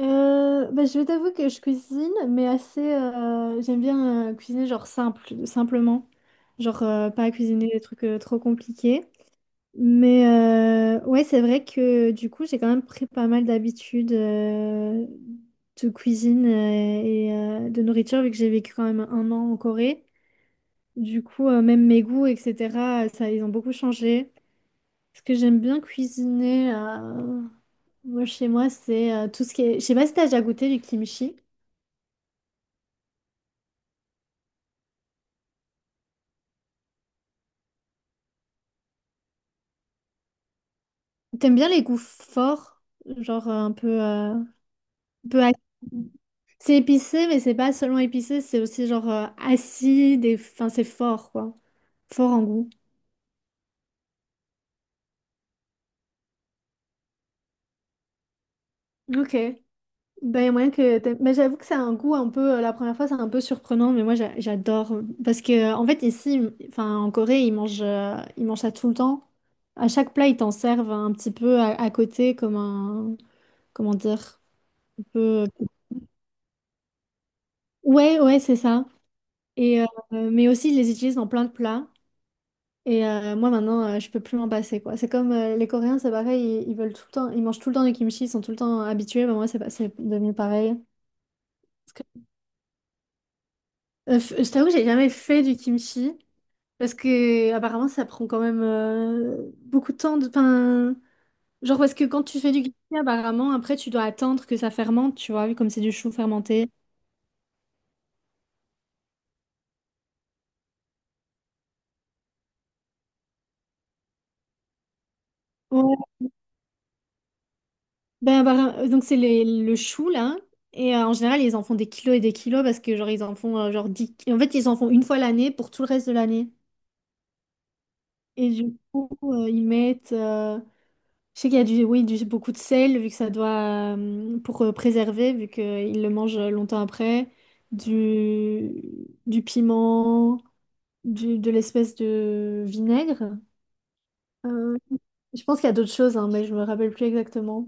Bah, je vais t'avouer que je cuisine, mais assez. J'aime bien cuisiner genre simple, simplement. Genre pas cuisiner des trucs trop compliqués. Mais ouais, c'est vrai que du coup, j'ai quand même pris pas mal d'habitudes de cuisine et de nourriture, vu que j'ai vécu quand même un an en Corée. Du coup, même mes goûts, etc., ça, ils ont beaucoup changé. Ce que j'aime bien cuisiner, moi, chez moi, c'est tout ce qui est. Je sais pas si t'as déjà goûté du kimchi. T'aimes bien les goûts forts, genre un peu. C'est épicé, mais c'est pas seulement épicé, c'est aussi genre acide et enfin c'est fort quoi, fort en goût. Ok. Ben y a moyen que mais j'avoue que c'est un goût un peu, la première fois c'est un peu surprenant, mais moi j'adore parce que en fait ici, enfin en Corée ils mangent ça tout le temps. À chaque plat ils t'en servent un petit peu à côté comme un, comment dire, un peu. Ouais, ouais, c'est ça. Et mais aussi ils les utilisent dans plein de plats. Et moi maintenant, je peux plus m'en passer quoi. C'est comme les Coréens, c'est pareil, ils veulent tout le temps, ils mangent tout le temps du kimchi, ils sont tout le temps habitués. Bah, moi, c'est pas- c'est devenu pareil. Parce que- je t'avoue que j'ai jamais fait du kimchi parce que apparemment, ça prend quand même beaucoup de temps. De, enfin, genre parce que quand tu fais du kimchi, apparemment, après, tu dois attendre que ça fermente, tu vois, comme c'est du chou fermenté. Ouais. Ben, donc c'est le chou là. Et en général, ils en font des kilos et des kilos parce que genre ils en font genre 10... En fait, ils en font une fois l'année pour tout le reste de l'année. Et du coup, ils mettent. Je sais qu'il y a du, oui, du, beaucoup de sel, vu que ça doit. Pour préserver, vu qu'ils le mangent longtemps après. Du, du piment, du, de l'espèce de vinaigre. Euh, je pense qu'il y a d'autres choses, hein, mais je me rappelle plus exactement.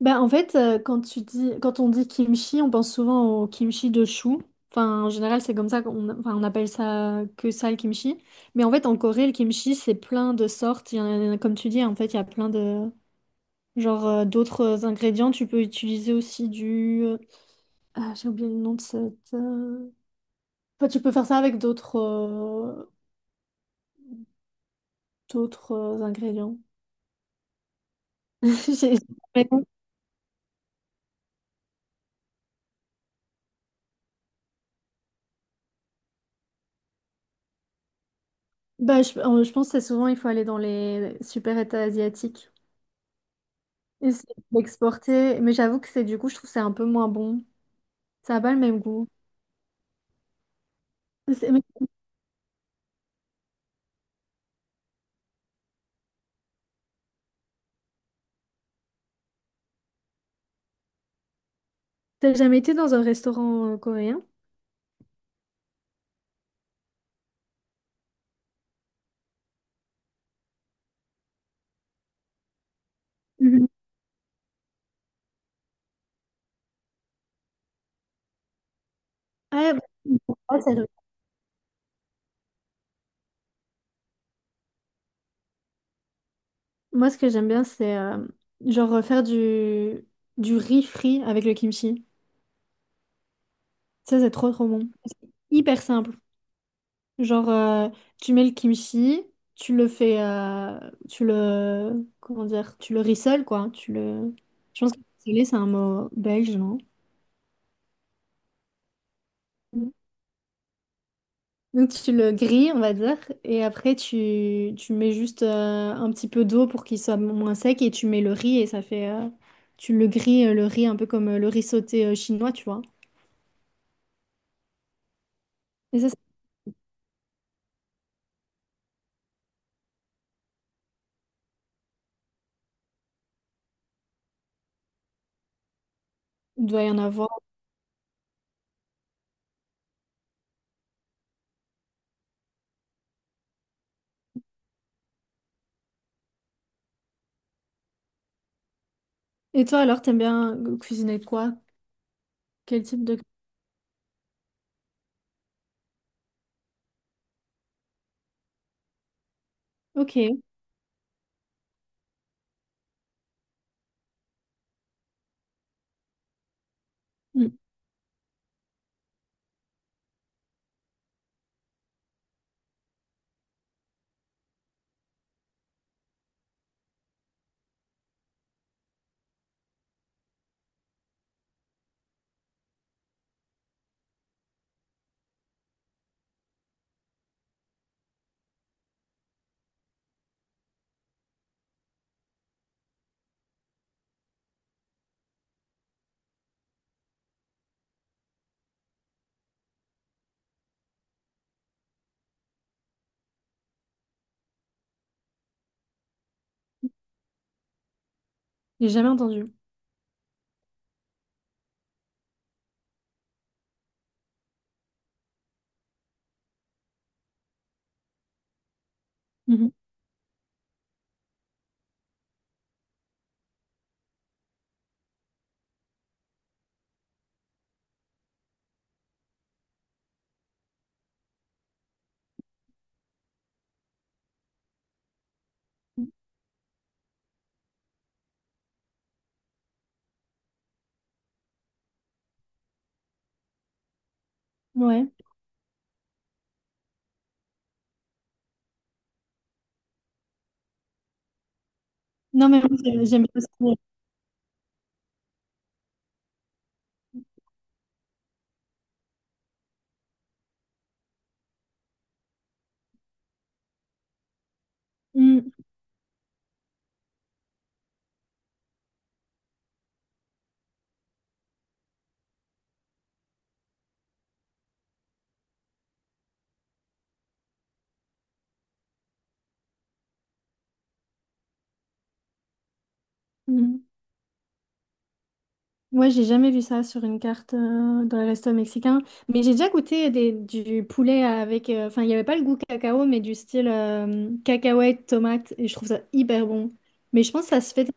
Bah, en fait, quand tu dis, quand on dit kimchi, on pense souvent au kimchi de chou. Enfin, en général, c'est comme ça qu'on enfin, on appelle ça que ça le kimchi. Mais en fait, en Corée, le kimchi, c'est plein de sortes. Il y en a, comme tu dis, en fait, il y a plein de genre, d'autres ingrédients. Tu peux utiliser aussi du. Ah, j'ai oublié le nom de cette. Enfin, tu peux faire ça avec d'autres ingrédients. J'ai- Bah, je pense que c'est souvent, il faut aller dans les super états asiatiques. Essayer de l'exporter, mais j'avoue que c'est du coup, je trouve que c'est un peu moins bon. Ça n'a pas le même goût. Mais t'as jamais été dans un restaurant coréen? Mhm. Ouais, bah. Moi, ce que j'aime bien, c'est genre faire du riz frit avec le kimchi. Ça, c'est trop trop bon. C'est hyper simple. Genre, tu mets le kimchi, tu le fais, tu le, comment dire, tu le rissoles, quoi. Tu le. Je pense que rissoler, c'est un mot belge, non? Donc tu le grilles, on va dire, et après tu mets juste un petit peu d'eau pour qu'il soit moins sec et tu mets le riz et ça fait, tu le grilles, le riz, un peu comme le riz sauté chinois, tu vois. Et ça, il doit y en avoir. Et toi alors, t'aimes bien cuisiner quoi? Quel type de. Ok. Mm. J'ai jamais entendu. Mhm. Ouais. Non mais moi, j'aime bien aussi. Mm. Moi, j'ai jamais vu ça sur une carte, dans les restos mexicains, mais j'ai déjà goûté du poulet avec. Enfin, il n'y avait pas le goût cacao, mais du style cacahuète, tomate, et je trouve ça hyper bon. Mais je pense que ça se fait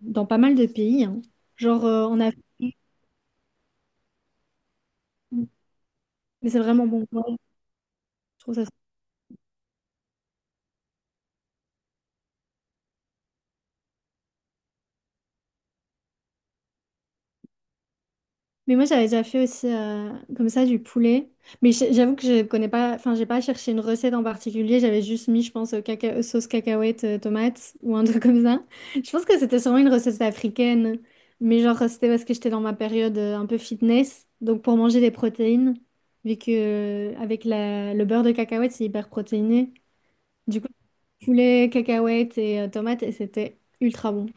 dans pas mal de pays, hein. Genre en Afrique, mais c'est vraiment bon. Ouais, je trouve ça. Mais moi, j'avais déjà fait aussi comme ça du poulet. Mais j'avoue que je connais pas, enfin, j'ai pas cherché une recette en particulier. J'avais juste mis, je pense, sauce cacahuète, tomate ou un truc comme ça. Je pense que c'était sûrement une recette africaine. Mais genre, c'était parce que j'étais dans ma période un peu fitness. Donc, pour manger des protéines, vu que avec le beurre de cacahuète, c'est hyper protéiné. Du coup, poulet, cacahuète et tomate, et c'était ultra bon.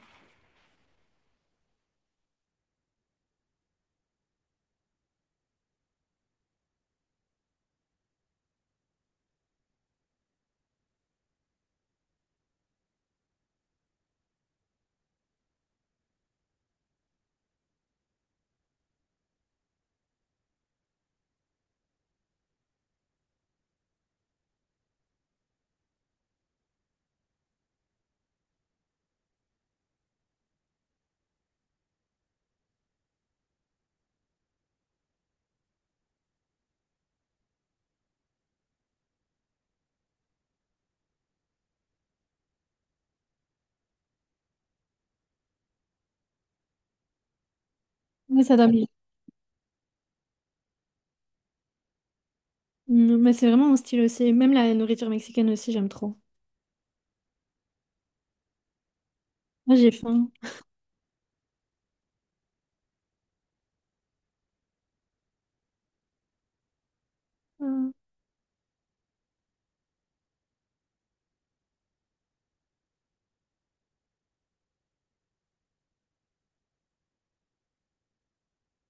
Mais ça donne. Mm, mais c'est vraiment mon style aussi. Même la nourriture mexicaine aussi, j'aime trop. Moi, j'ai faim. Hmm.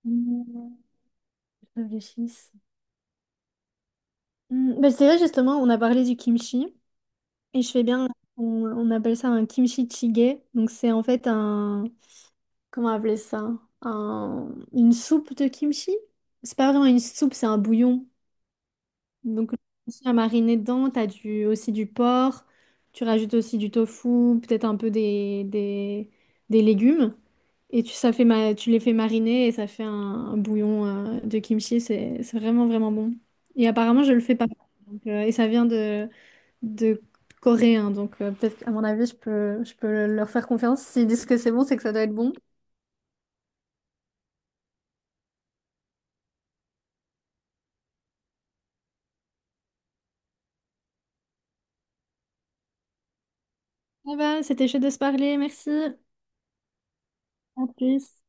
Mmh, je réfléchisse. Hmm, bah, c'est vrai, justement, on a parlé du kimchi et je fais bien, on appelle ça un kimchi jjigae. Donc, c'est en fait un, comment appeler ça? Un, une soupe de kimchi? C'est pas vraiment une soupe, c'est un bouillon. Donc, le kimchi à mariner dedans, t'as du, aussi du porc, tu rajoutes aussi du tofu, peut-être un peu des, des légumes. Et tu, ça fait tu les fais mariner et ça fait un bouillon de kimchi. C'est vraiment, vraiment bon. Et apparemment, je le fais pas. Donc, et ça vient de Corée, hein. Donc, peut-être qu'à mon avis, je peux leur faire confiance. S'ils disent que c'est bon, c'est que ça doit être bon. Ah va, c'était chaud de se parler. Merci. À plus.